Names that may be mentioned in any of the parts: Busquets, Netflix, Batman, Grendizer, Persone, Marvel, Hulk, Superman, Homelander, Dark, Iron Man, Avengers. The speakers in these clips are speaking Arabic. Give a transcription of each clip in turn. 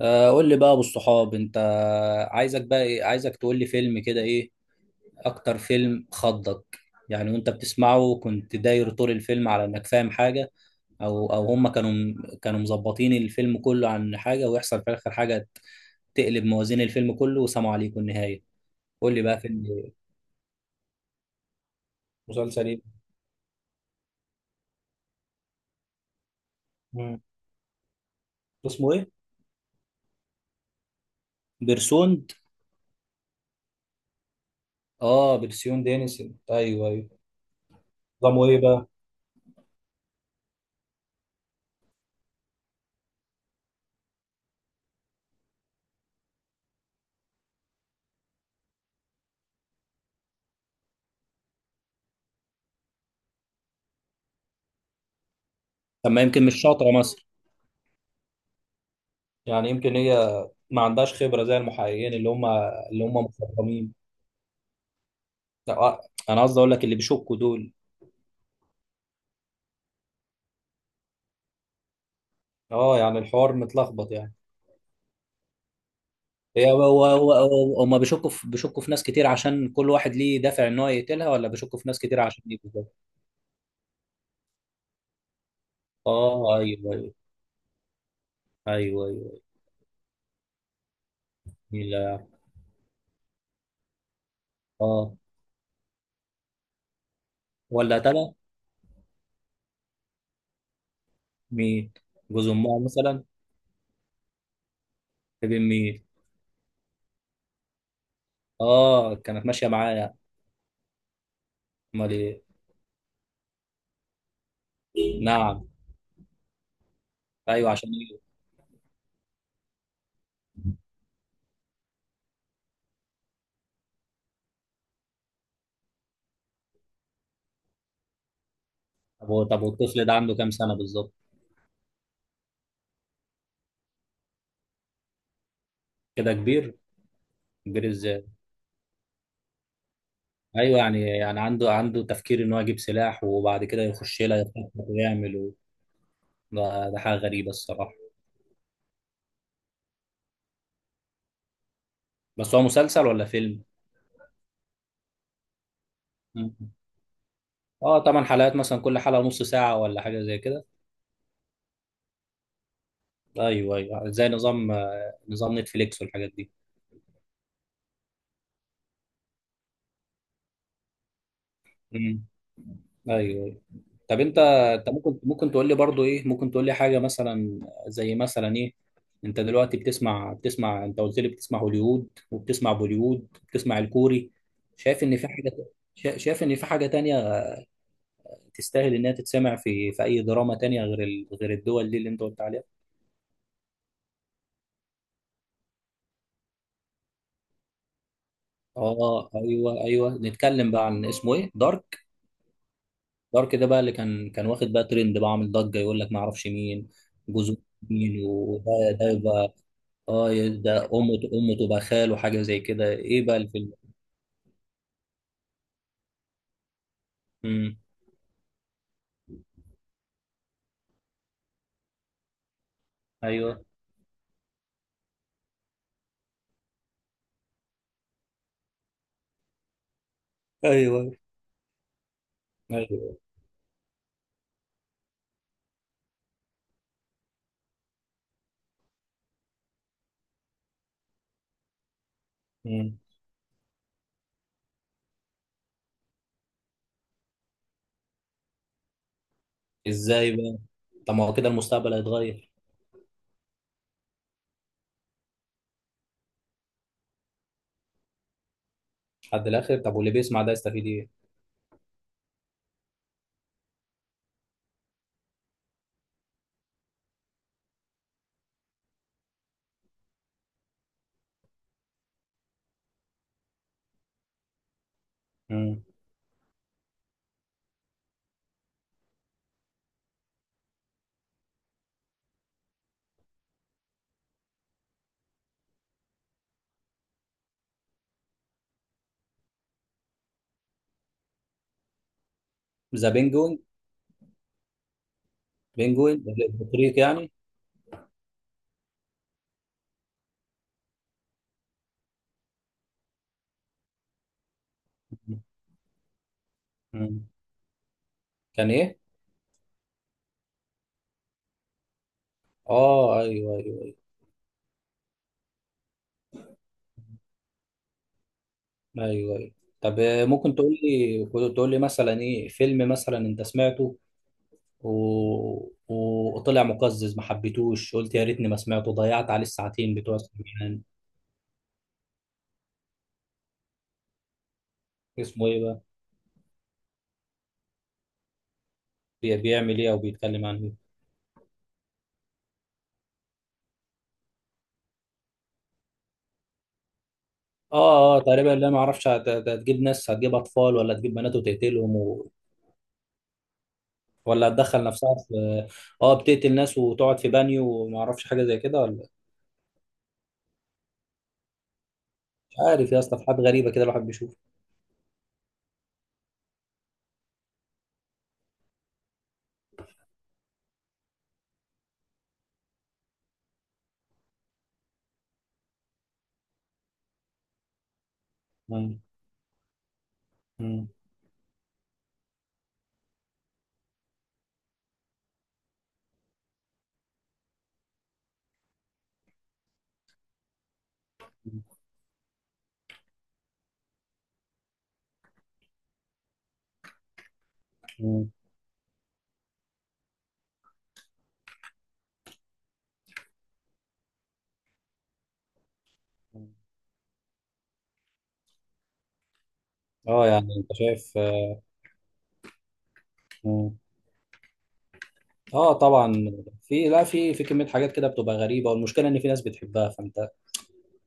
قول لي بقى ابو الصحاب انت. عايزك بقى ايه عايزك تقول لي فيلم كده ايه؟ اكتر فيلم خضك؟ يعني وانت بتسمعه كنت داير طول الفيلم على انك فاهم حاجة؟ او هم كانوا مظبطين الفيلم كله عن حاجة، ويحصل في الاخر حاجة تقلب موازين الفيلم كله وسلام عليكم النهاية. قول لي بقى فيلم إيه؟ مسلسل ايه؟ مم. اسمه ايه؟ بيرسوند. اه، بيرسيون دينيسن، ايوه ايوه. نظامه ايه بقى؟ طب ما يمكن مش شاطرة مثلا. يعني يمكن هي ما عندهاش خبرة زي المحققين اللي هم مخضرمين. لا، انا قصدي اقول لك اللي بيشكوا دول. اه، يعني الحوار متلخبط يعني. هي هو هو هو- هو- هم بيشكوا في ناس كتير عشان كل واحد ليه دافع ان هو يقتلها، ولا بيشكوا في ناس كتير عشان دي بالظبط؟ اه، ايوه ايوه ايوه ايوه. مين؟ لا. اه، ولا تلا. مين؟ جوز امها مثلا؟ ابن مين؟ اه، كانت ماشيه معايا. امال ايه؟ نعم؟ ايوه، عشان ايه؟ طب والطفل ده عنده كام سنه بالظبط؟ كده كبير؟ كبير ازاي؟ ايوه، يعني عنده تفكير ان هو يجيب سلاح وبعد كده يخش لها يخطط ويعمل. ده حاجه غريبه الصراحه. بس هو مسلسل ولا فيلم؟ مم. اه طبعا، حلقات مثلا كل حلقه نص ساعه ولا حاجه زي كده؟ ايوه ايوه، زي نظام نتفليكس والحاجات دي. مم. ايوه أيوة. طب انت ممكن تقول لي برضو ايه، ممكن تقول لي حاجه مثلا؟ زي مثلا ايه؟ انت دلوقتي بتسمع انت قلت لي بتسمع هوليوود وبتسمع بوليوود وبتسمع الكوري. شايف ان في حاجه، شايف ان في حاجه تانية تستاهل انها تتسمع في اي دراما تانية غير الدول دي اللي انت قلت عليها؟ اه، ايوه ايوه. نتكلم بقى عن اسمه ايه، دارك. دارك ده بقى اللي كان واخد بقى ترند، بقى عامل ضجه، يقول لك ما اعرفش مين. جوزه؟ مين وده؟ ده يبقى. اه، ده امه تبقى خال وحاجه زي كده. ايه بقى الفيلم؟ امم. ايوه ايوه ايوه. امم. ازاي بقى؟ طب ما هو كده المستقبل هيتغير؟ لحد الاخر؟ طب واللي بيسمع ده يستفيد ايه؟ امم. ذا بينجوين. بينجوين. بطريق. يعني. كان ايه؟ اه، ايوه ايوه ايوه ايوه. طب، ممكن تقول لي مثلا ايه فيلم مثلا انت سمعته و... وطلع مقزز ما حبيتوش، قلت يا ريتني ما سمعته، ضيعت عليه الساعتين بتوع الامتحان؟ اسمه ايه بقى؟ بيعمل ايه او بيتكلم عن ايه؟ اه اه، تقريبا لا ما اعرفش، هتجيب ناس، هتجيب اطفال ولا هتجيب بنات وتقتلهم؟ ولا هتدخل نفسها في. اه، بتقتل ناس وتقعد في بانيو وما اعرفش حاجه زي كده، ولا؟ مش عارف يا اسطى، في حاجات غريبه كده الواحد بيشوفها. مم. مم. اه يعني، انت شايف. مم. اه طبعا. في لا، في كمية حاجات كده بتبقى غريبة، والمشكلة ان في ناس بتحبها، فانت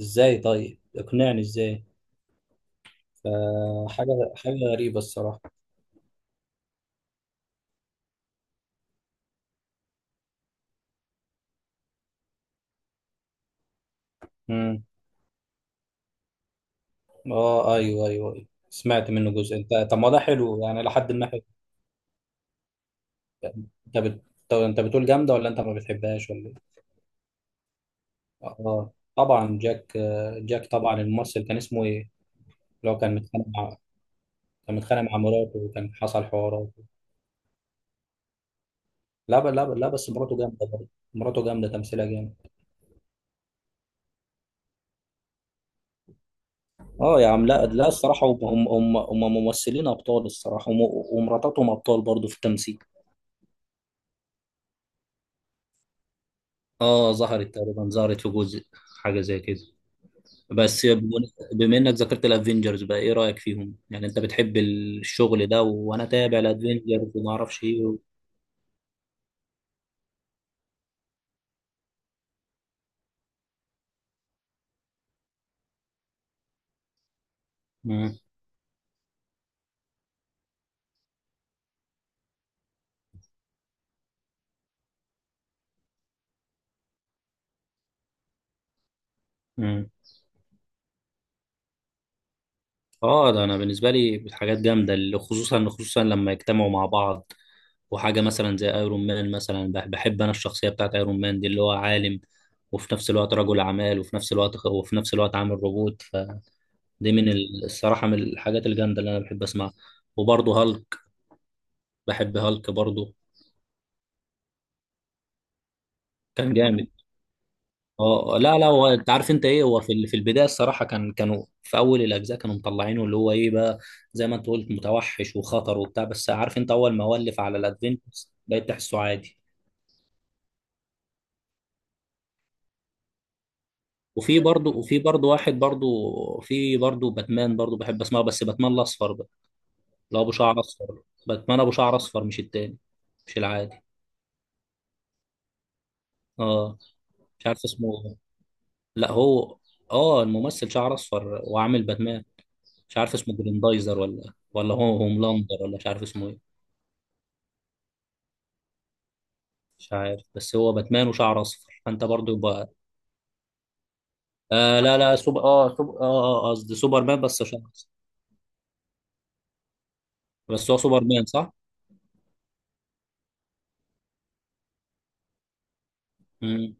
ازاي؟ طيب اقنعني ازاي؟ فحاجة حاجة غريبة الصراحة. مم. اه ايوه ايوه ايوه، سمعت منه جزء انت. طب ما ده حلو يعني، لحد ما حلو. انت بت... طب انت بتقول جامدة ولا انت ما بتحبهاش ولا ايه؟ اه طبعا جاك طبعا، الممثل كان اسمه ايه؟ اللي هو كان متخانق مع. كان متخانق مع مراته وكان حصل حوارات. لا بس مراته جامده برضه. مراته جامده، تمثيلها جامد. اه يا عم، لا لا، الصراحه هم ممثلين ابطال الصراحه. ومراتاتهم ابطال برضه في التمثيل. اه، ظهرت تقريبا، ظهرت في جزء. حاجه زي كده. بس بما انك ذكرت الافينجرز، بقى ايه رايك فيهم؟ يعني انت بتحب الشغل ده، وانا تابع الافينجرز وما اعرفش ايه. مم. مم. اه، ده انا بالنسبه لي حاجات جامده، اللي خصوصا خصوصا لما يجتمعوا مع بعض. وحاجه مثلا زي ايرون مان مثلا، بحب انا الشخصيه بتاعت ايرون مان دي اللي هو عالم، وفي نفس الوقت رجل اعمال وفي نفس الوقت عامل روبوت فدي. من الصراحه من الحاجات الجامده اللي انا بحب اسمعها. وبرضه هالك، بحب هالك برضه. كان جامد. اه لا لا، هو انت عارف انت ايه، هو في البدايه الصراحه كانوا في اول الاجزاء كانوا مطلعينه اللي هو ايه بقى. زي ما انت قلت متوحش وخطر وبتاع، بس عارف انت اول ما ولف على الادفنتس بقيت تحسه عادي. وفي برضه واحد برضه. في برضه باتمان برضه، بحب اسمعه، بس باتمان الاصفر بقى. اللي هو ابو شعر اصفر، باتمان ابو شعر اصفر، مش التاني. مش العادي. اه. مش عارف اسمه إيه. لا هو، اه، الممثل شعر اصفر وعامل باتمان. مش عارف اسمه جريندايزر، ولا هو هوملاندر، ولا مش عارف اسمه ايه. مش عارف، بس هو باتمان وشعر اصفر، فانت برضو بقى. آه لا لا، سوبر اه سوبر اه آه، آه، قصدي سوبرمان، بس شعر اصفر. بس هو سوبرمان صح؟ مم.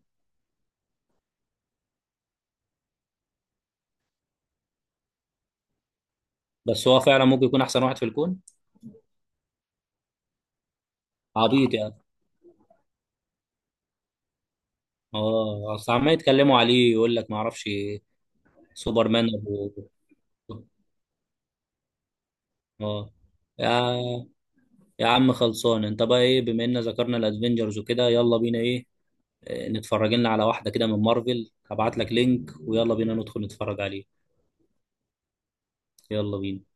بس هو فعلا ممكن يكون احسن واحد في الكون. عبيط يعني. اه، اصل عمال يتكلموا عليه يقول لك ما اعرفش. سوبرمان ابو. اه يا يا عم خلصان، انت بقى ايه؟ بما ان ذكرنا الادفنجرز وكده، يلا بينا ايه؟ نتفرج لنا على واحدة كده من مارفل، هبعت لك لينك ويلا بينا ندخل نتفرج عليه. يلا بينا.